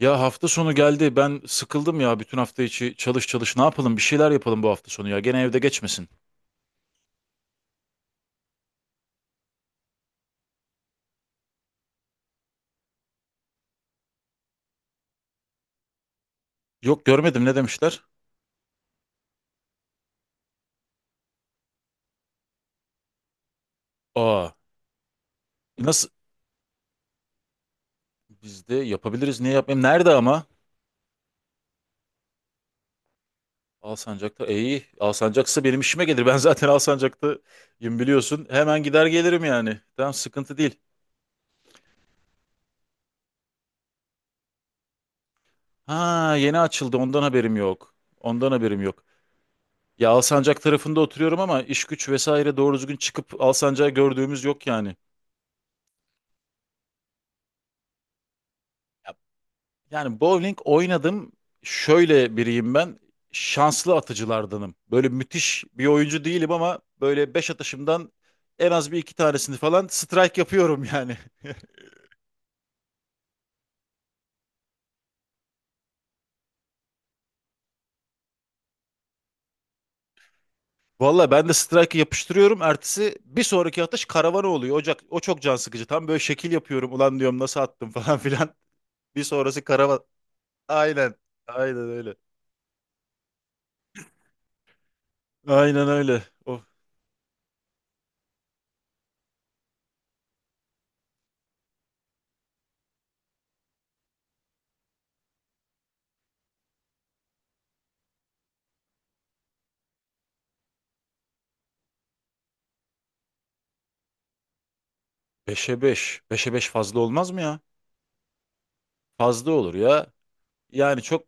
Ya hafta sonu geldi. Ben sıkıldım ya bütün hafta içi çalış çalış. Ne yapalım? Bir şeyler yapalım bu hafta sonu ya. Gene evde geçmesin. Yok görmedim ne demişler? Aa nasıl? Biz de yapabiliriz. Niye yapmayayım? Nerede ama? Alsancak'ta. E, iyi. Alsancak'sa benim işime gelir. Ben zaten Alsancak'tayım biliyorsun. Hemen gider gelirim yani. Tamam sıkıntı değil. Ha yeni açıldı. Ondan haberim yok. Ondan haberim yok. Ya Alsancak tarafında oturuyorum ama iş güç vesaire doğru düzgün çıkıp Alsancak'ı gördüğümüz yok yani. Yani bowling oynadım. Şöyle biriyim ben. Şanslı atıcılardanım. Böyle müthiş bir oyuncu değilim ama böyle 5 atışımdan en az bir iki tanesini falan strike yapıyorum yani. Valla ben de strike'ı yapıştırıyorum. Ertesi bir sonraki atış karavana oluyor. O çok can sıkıcı. Tam böyle şekil yapıyorum. Ulan diyorum nasıl attım falan filan. Bir sonrası karavan. Aynen. Aynen öyle. Aynen öyle. Of. 5'e 5. 5'e 5 fazla olmaz mı ya? Fazla olur ya. Yani çok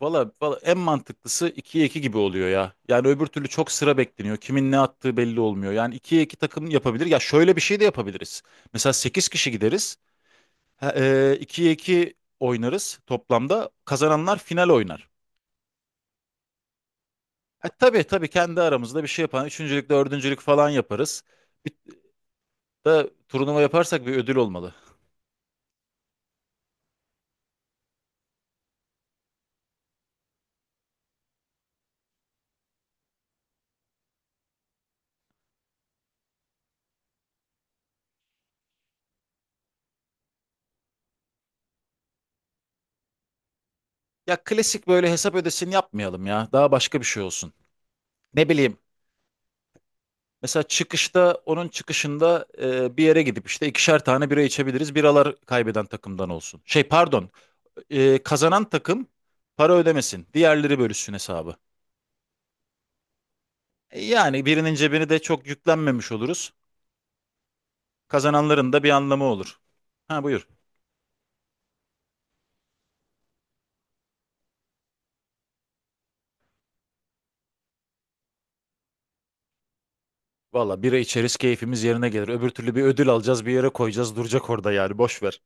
Valla valla en mantıklısı 2'ye 2 gibi oluyor ya. Yani öbür türlü çok sıra bekleniyor. Kimin ne attığı belli olmuyor. Yani 2'ye 2 takım yapabilir. Ya şöyle bir şey de yapabiliriz. Mesela 8 kişi gideriz. Ha, 2'ye 2 oynarız toplamda. Kazananlar final oynar. Ha, tabii tabii kendi aramızda bir şey yapan üçüncülük, dördüncülük falan yaparız. Bir de turnuva yaparsak bir ödül olmalı. Ya klasik böyle hesap ödesini yapmayalım ya. Daha başka bir şey olsun. Ne bileyim. Mesela onun çıkışında bir yere gidip işte ikişer tane bira içebiliriz. Biralar kaybeden takımdan olsun. Şey pardon, kazanan takım para ödemesin. Diğerleri bölüşsün hesabı. Yani birinin cebini de çok yüklenmemiş oluruz. Kazananların da bir anlamı olur. Ha buyur. Valla bira içeriz keyfimiz yerine gelir. Öbür türlü bir ödül alacağız bir yere koyacağız duracak orada yani boş ver.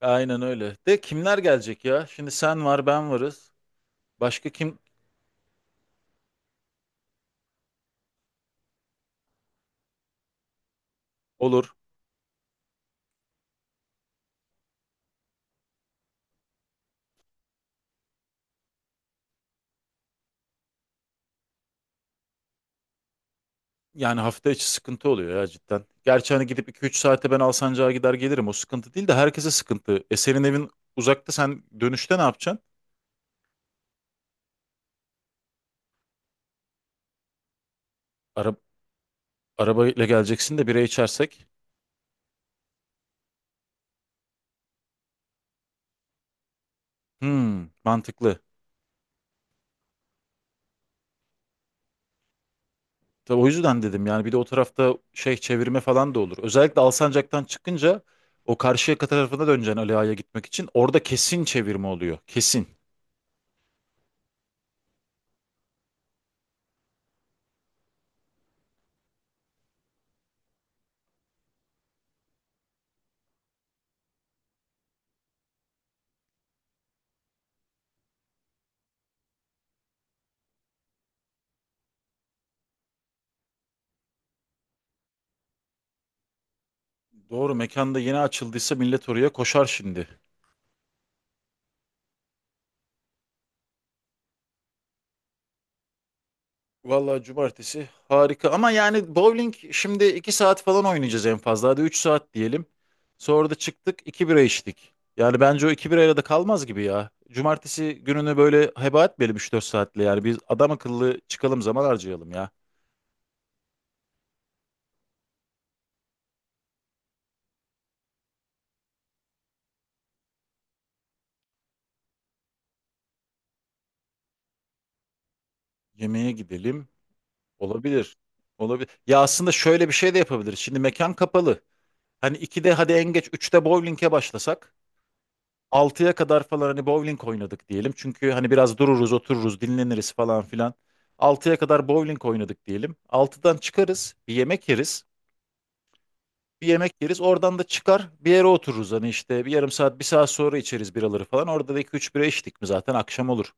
Aynen öyle. De kimler gelecek ya? Şimdi sen var ben varız. Başka kim olur? Yani hafta içi sıkıntı oluyor ya cidden. Gerçi hani gidip 2-3 saate ben Alsancak'a gider gelirim. O sıkıntı değil de herkese sıkıntı. E senin evin uzakta sen dönüşte ne yapacaksın? Ara arabayla geleceksin de bira içersek. Hmm, mantıklı. Tabii o yüzden dedim yani bir de o tarafta şey çevirme falan da olur. Özellikle Alsancak'tan çıkınca o Karşıyaka tarafına döneceksin Ali Ağa'ya gitmek için. Orada kesin çevirme oluyor. Kesin. Doğru mekanda yeni açıldıysa millet oraya koşar şimdi. Vallahi cumartesi harika ama yani bowling şimdi 2 saat falan oynayacağız en fazla hadi 3 saat diyelim. Sonra da çıktık 2 bira içtik. Yani bence o 2 birayla da kalmaz gibi ya. Cumartesi gününü böyle heba etmeyelim 3-4 saatle yani biz adam akıllı çıkalım zaman harcayalım ya. Yemeğe gidelim olabilir. Olabilir. Ya aslında şöyle bir şey de yapabiliriz. Şimdi mekan kapalı. Hani 2'de hadi en geç 3'te bowling'e başlasak. 6'ya kadar falan hani bowling oynadık diyelim. Çünkü hani biraz dururuz, otururuz, dinleniriz falan filan. 6'ya kadar bowling oynadık diyelim. 6'dan çıkarız, bir yemek yeriz. Bir yemek yeriz, oradan da çıkar bir yere otururuz. Hani işte bir yarım saat, bir saat sonra içeriz biraları falan. Orada da 2-3 bira içtik mi zaten akşam olur.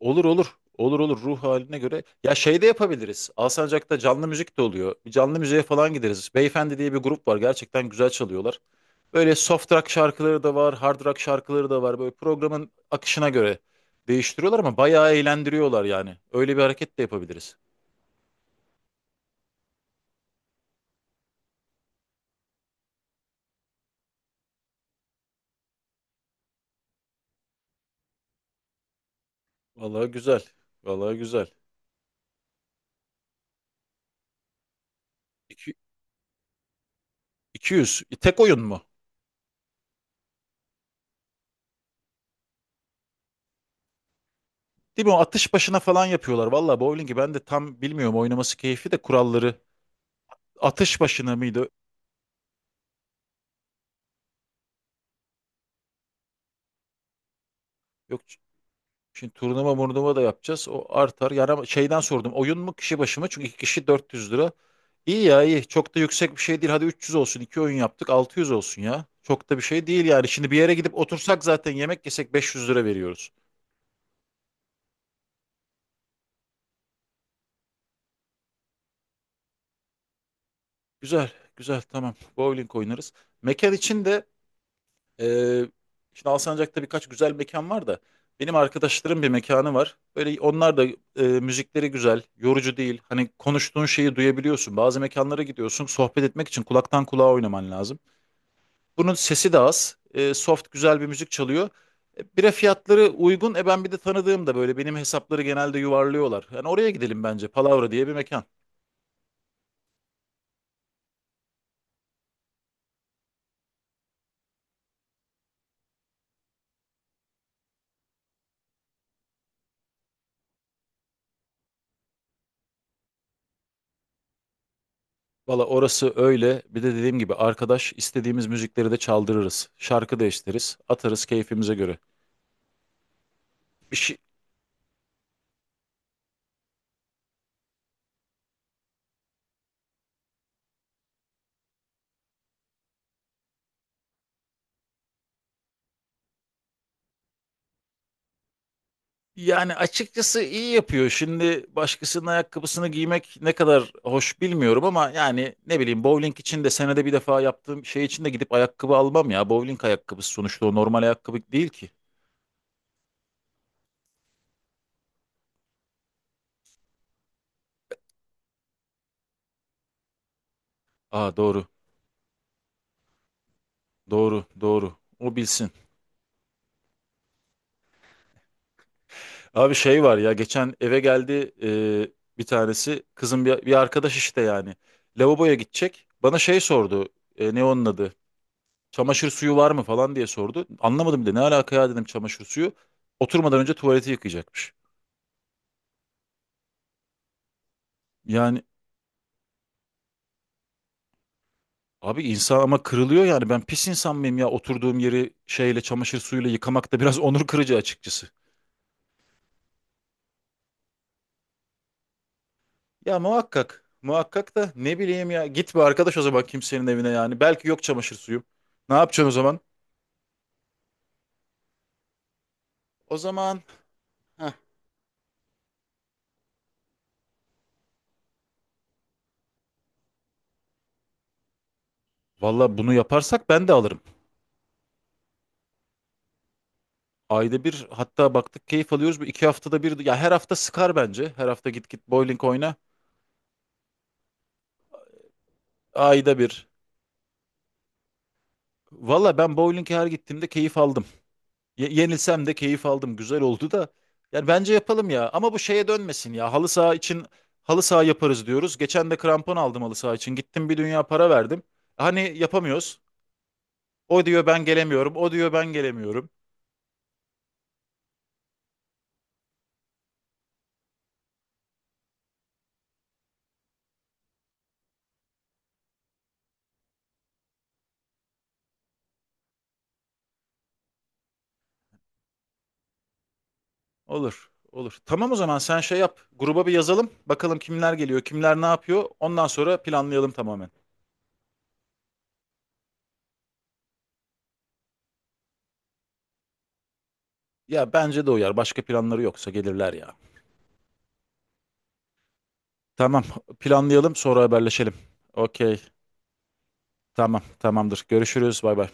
Olur olur. Olur olur ruh haline göre. Ya şey de yapabiliriz. Alsancak'ta canlı müzik de oluyor. Bir canlı müziğe falan gideriz. Beyefendi diye bir grup var. Gerçekten güzel çalıyorlar. Böyle soft rock şarkıları da var, hard rock şarkıları da var. Böyle programın akışına göre değiştiriyorlar ama bayağı eğlendiriyorlar yani. Öyle bir hareket de yapabiliriz. Vallahi güzel. Vallahi güzel. İki- 200. Tek oyun mu? Değil mi? O atış başına falan yapıyorlar. Vallahi bowling'i ben de tam bilmiyorum. Oynaması keyfi de kuralları. Atış başına mıydı? Yok. Şimdi turnuva murnuva da yapacağız. O artar. Yani ama şeyden sordum. Oyun mu kişi başı mı? Çünkü iki kişi 400 lira. İyi ya iyi. Çok da yüksek bir şey değil. Hadi 300 olsun. İki oyun yaptık. 600 olsun ya. Çok da bir şey değil yani. Şimdi bir yere gidip otursak zaten yemek yesek 500 lira veriyoruz. Güzel. Güzel tamam. Bowling oynarız. Mekan için de Ee, şimdi Alsancak'ta birkaç güzel mekan var da benim arkadaşlarım bir mekanı var. Böyle onlar da müzikleri güzel, yorucu değil. Hani konuştuğun şeyi duyabiliyorsun. Bazı mekanlara gidiyorsun, sohbet etmek için kulaktan kulağa oynaman lazım. Bunun sesi de az, soft güzel bir müzik çalıyor. Bira fiyatları uygun. Ben bir de tanıdığım da böyle benim hesapları genelde yuvarlıyorlar. Yani oraya gidelim bence. Palavra diye bir mekan. Valla orası öyle. Bir de dediğim gibi arkadaş istediğimiz müzikleri de çaldırırız. Şarkı değiştiririz, atarız keyfimize göre. Yani açıkçası iyi yapıyor. Şimdi başkasının ayakkabısını giymek ne kadar hoş bilmiyorum ama yani ne bileyim bowling için de senede bir defa yaptığım şey için de gidip ayakkabı almam ya. Bowling ayakkabısı sonuçta o normal ayakkabı değil ki. Aa doğru. Doğru. Doğru. O bilsin. Abi şey var ya geçen eve geldi bir tanesi kızın bir arkadaş işte yani. Lavaboya gidecek. Bana şey sordu. Ne onun adı? Çamaşır suyu var mı falan diye sordu. Anlamadım bile ne alaka ya dedim çamaşır suyu. Oturmadan önce tuvaleti yıkayacakmış. Yani abi insan ama kırılıyor yani ben pis insan mıyım ya oturduğum yeri çamaşır suyuyla yıkamak da biraz onur kırıcı açıkçası. Ya muhakkak muhakkak da ne bileyim ya git bir arkadaş o zaman kimsenin evine yani belki yok çamaşır suyu. Ne yapacaksın o zaman? O zaman. Heh. Valla bunu yaparsak ben de alırım. Ayda bir hatta baktık keyif alıyoruz. Bu iki haftada bir ya her hafta sıkar bence. Her hafta git git bowling oyna. Ayda bir. Valla ben bowling'e her gittiğimde keyif aldım. Yenilsem de keyif aldım. Güzel oldu da. Yani bence yapalım ya. Ama bu şeye dönmesin ya. Halı saha için halı saha yaparız diyoruz. Geçen de krampon aldım halı saha için. Gittim bir dünya para verdim. Hani yapamıyoruz. O diyor ben gelemiyorum. O diyor ben gelemiyorum. Olur. Olur. Tamam o zaman sen şey yap. Gruba bir yazalım. Bakalım kimler geliyor, kimler ne yapıyor. Ondan sonra planlayalım tamamen. Ya bence de uyar. Başka planları yoksa gelirler ya. Tamam. Planlayalım sonra haberleşelim. Okey. Tamam, tamamdır. Görüşürüz. Bay bay.